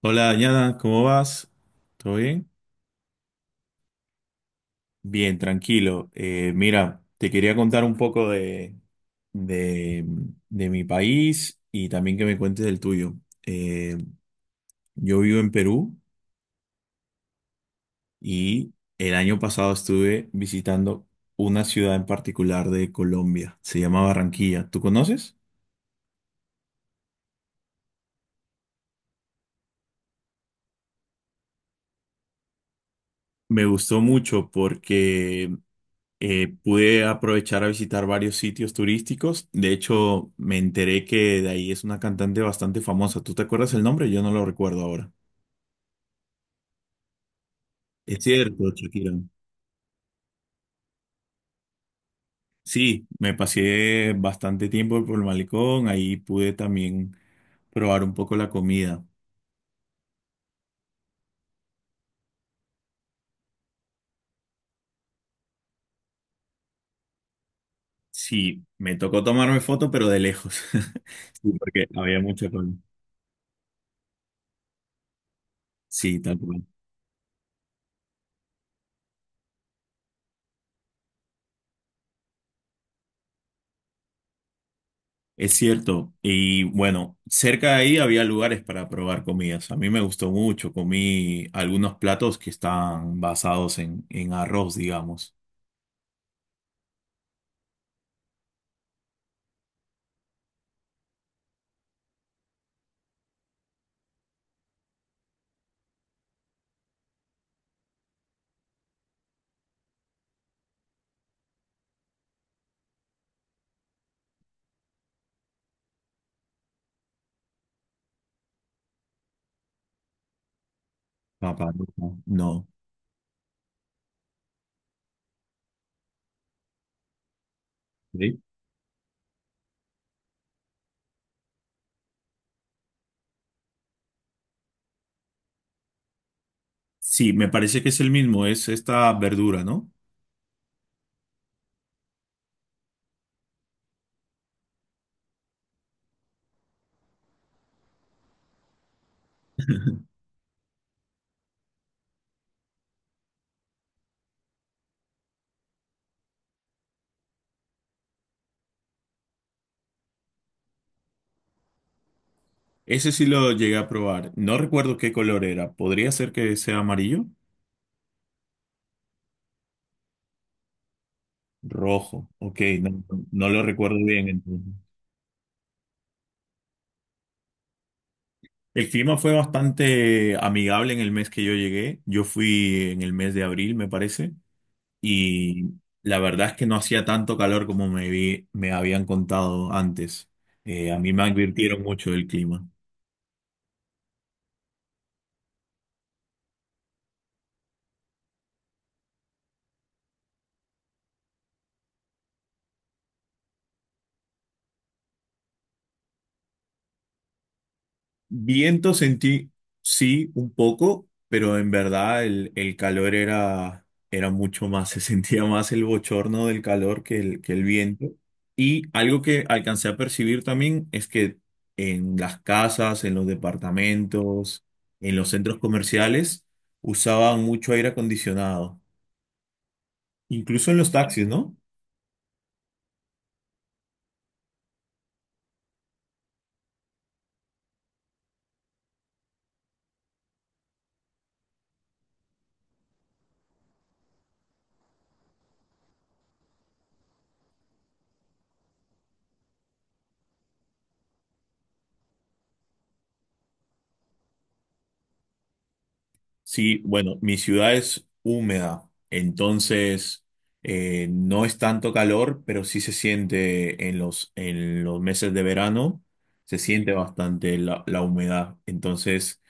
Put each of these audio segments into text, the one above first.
Hola, Dañada, ¿cómo vas? ¿Todo bien? Bien, tranquilo. Mira, te quería contar un poco de, de mi país y también que me cuentes del tuyo. Eh, yo vivo en Perú y el año pasado estuve visitando una ciudad en particular de Colombia. Se llama Barranquilla. ¿Tú conoces? Me gustó mucho porque pude aprovechar a visitar varios sitios turísticos. De hecho, me enteré que de ahí es una cantante bastante famosa. ¿Tú te acuerdas el nombre? Yo no lo recuerdo ahora. Es cierto, Shakira. Sí, me pasé bastante tiempo por el malecón. Ahí pude también probar un poco la comida. Sí, me tocó tomarme foto, pero de lejos. Sí, porque había mucha cola. Sí, tal cual. Es cierto, y bueno, cerca de ahí había lugares para probar comidas. A mí me gustó mucho, comí algunos platos que están basados en arroz, digamos. Papa, no. No. ¿Sí? Sí, me parece que es el mismo, es esta verdura, ¿no? Ese sí lo llegué a probar. No recuerdo qué color era. ¿Podría ser que sea amarillo? Rojo. Ok, no, no lo recuerdo bien entonces. El clima fue bastante amigable en el mes que yo llegué. Yo fui en el mes de abril, me parece. Y la verdad es que no hacía tanto calor como me habían contado antes. A mí me advirtieron mucho del clima. Viento sentí, sí, un poco, pero en verdad el calor era mucho más. Se sentía más el bochorno del calor que que el viento. Y algo que alcancé a percibir también es que en las casas, en los departamentos, en los centros comerciales, usaban mucho aire acondicionado. Incluso en los taxis, ¿no? Sí, bueno, mi ciudad es húmeda, entonces no es tanto calor, pero sí se siente en en los meses de verano, se siente bastante la humedad. Entonces,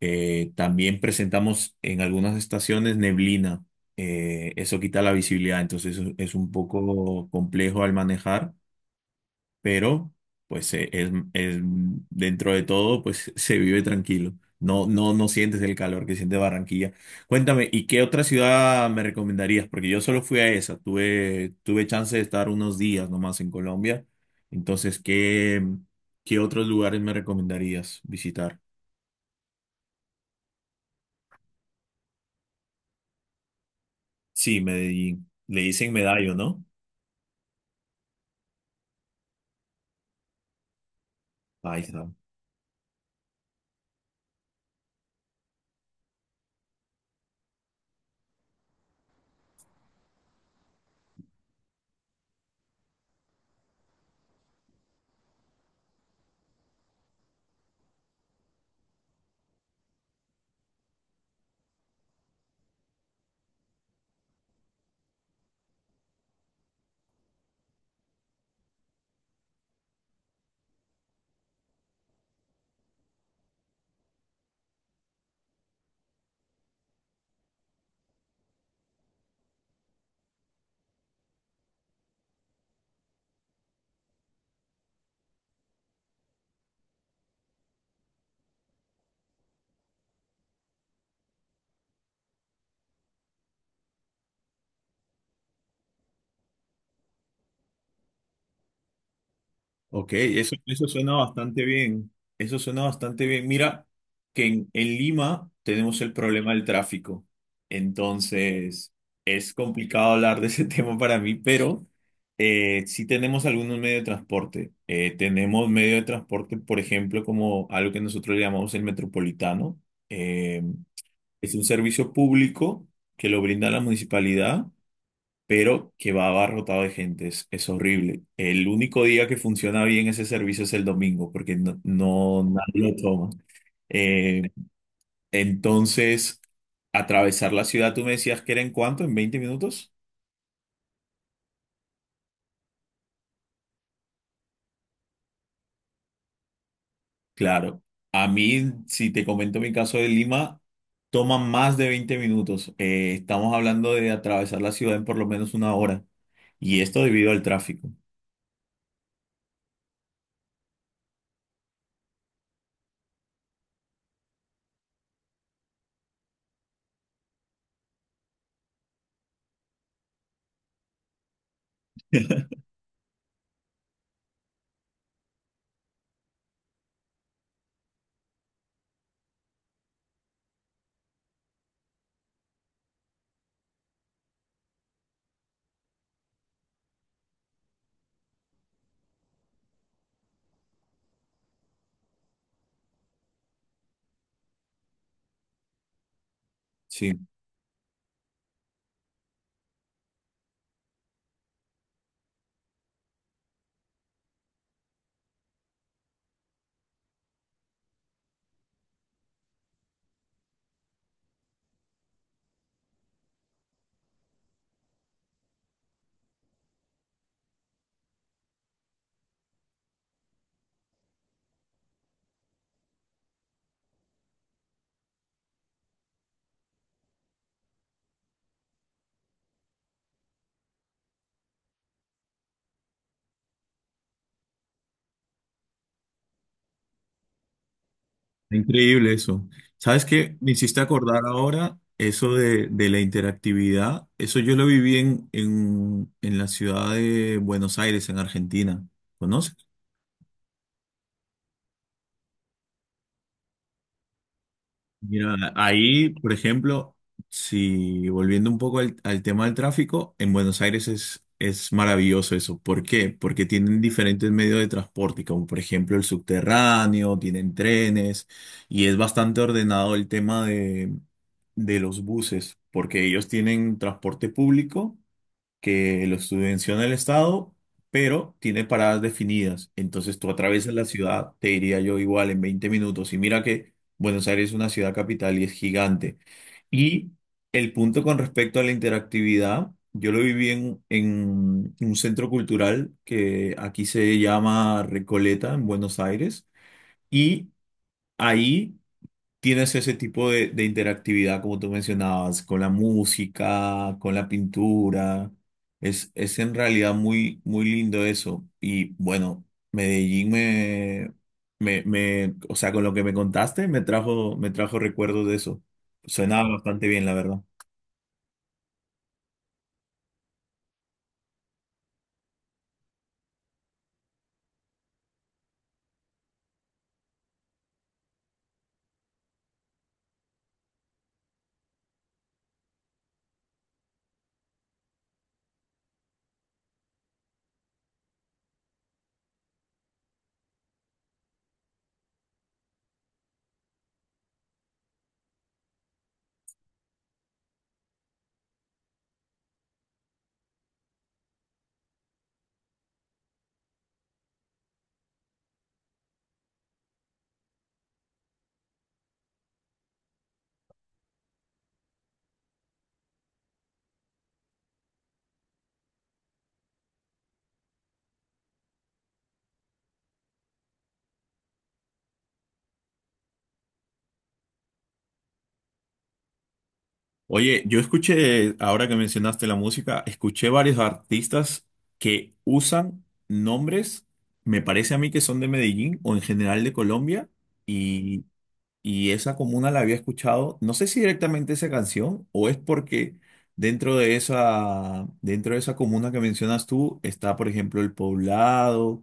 también presentamos en algunas estaciones neblina. Eso quita la visibilidad, entonces es un poco complejo al manejar. Pero pues dentro de todo pues se vive tranquilo. No, no, no sientes el calor que siente Barranquilla. Cuéntame, ¿y qué otra ciudad me recomendarías? Porque yo solo fui a esa, tuve chance de estar unos días nomás en Colombia. Entonces, ¿qué otros lugares me recomendarías visitar? Sí, Medellín. Le dicen Medallo, ¿no? Ay, no. Ok, eso suena bastante bien. Eso suena bastante bien. Mira que en Lima tenemos el problema del tráfico. Entonces, es complicado hablar de ese tema para mí, pero sí tenemos algunos medios de transporte. Tenemos medio de transporte, por ejemplo, Como algo que nosotros le llamamos el metropolitano. Eh, es un servicio público que lo brinda la municipalidad pero que va abarrotado de gente, es horrible. El único día que funciona bien ese servicio es el domingo, porque no nadie lo toma. Eh, entonces, atravesar la ciudad, tú me decías que era en cuánto, en 20 minutos. Claro, a mí, si te comento mi caso de Lima, toma más de 20 minutos. Estamos hablando de atravesar la ciudad en por lo menos una hora, y esto debido al tráfico. Sí. Increíble eso. ¿Sabes qué? Me hiciste acordar ahora eso de la interactividad. Eso yo lo viví en la ciudad de Buenos Aires, en Argentina. ¿Conoces? Mira, ahí, por ejemplo, si volviendo un poco al tema del tráfico, en Buenos Aires es maravilloso eso. ¿Por qué? Porque tienen diferentes medios de transporte, como por ejemplo el subterráneo, tienen trenes, y es bastante ordenado el tema de los buses, porque ellos tienen transporte público que lo subvenciona el Estado, pero tiene paradas definidas. Entonces tú atraviesas la ciudad, te diría yo igual, en 20 minutos. Y mira que Buenos Aires es una ciudad capital y es gigante. Y el punto con respecto a la interactividad, yo lo viví en un centro cultural que aquí se llama Recoleta, en Buenos Aires. Y ahí tienes ese tipo de interactividad, como tú mencionabas, con la música, con la pintura. Es en realidad muy lindo eso. Y bueno, Medellín me, me, me, o sea, con lo que me contaste, me trajo recuerdos de eso. Suena bastante bien, la verdad. Oye, yo escuché, ahora que mencionaste la música, escuché varios artistas que usan nombres, me parece a mí que son de Medellín o en general de Colombia. y Y esa comuna la había escuchado, no sé si directamente esa canción o es porque dentro de esa comuna que mencionas tú está, por ejemplo, El Poblado,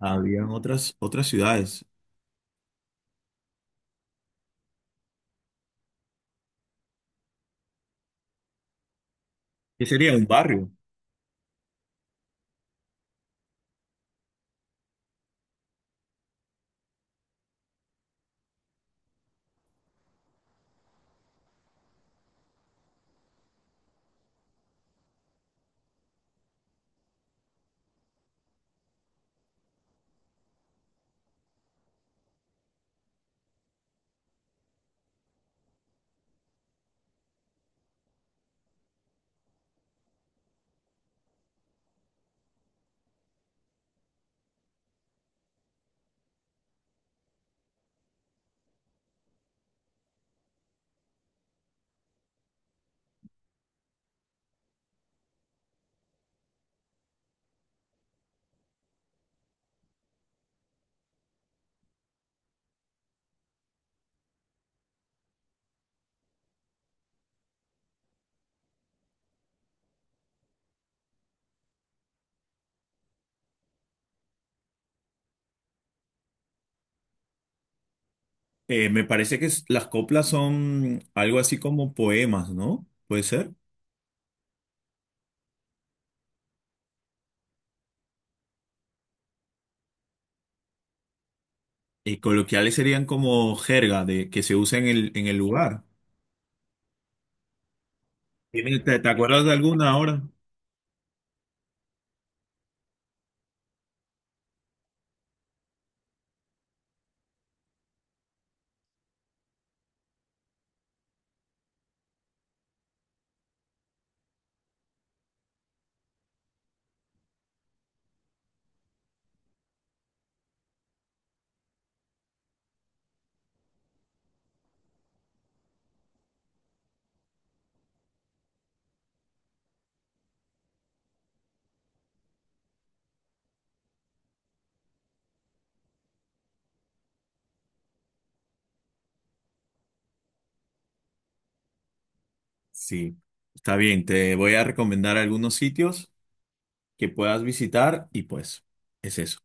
habían otras ciudades. ¿Qué sería un barrio? Me parece que es- Las coplas son algo así como poemas, ¿no? Puede ser. Y coloquiales serían como jerga de, que se usa en el lugar. ¿Te, te acuerdas de alguna ahora? Sí, está bien, te voy a recomendar algunos sitios que puedas visitar y pues es eso.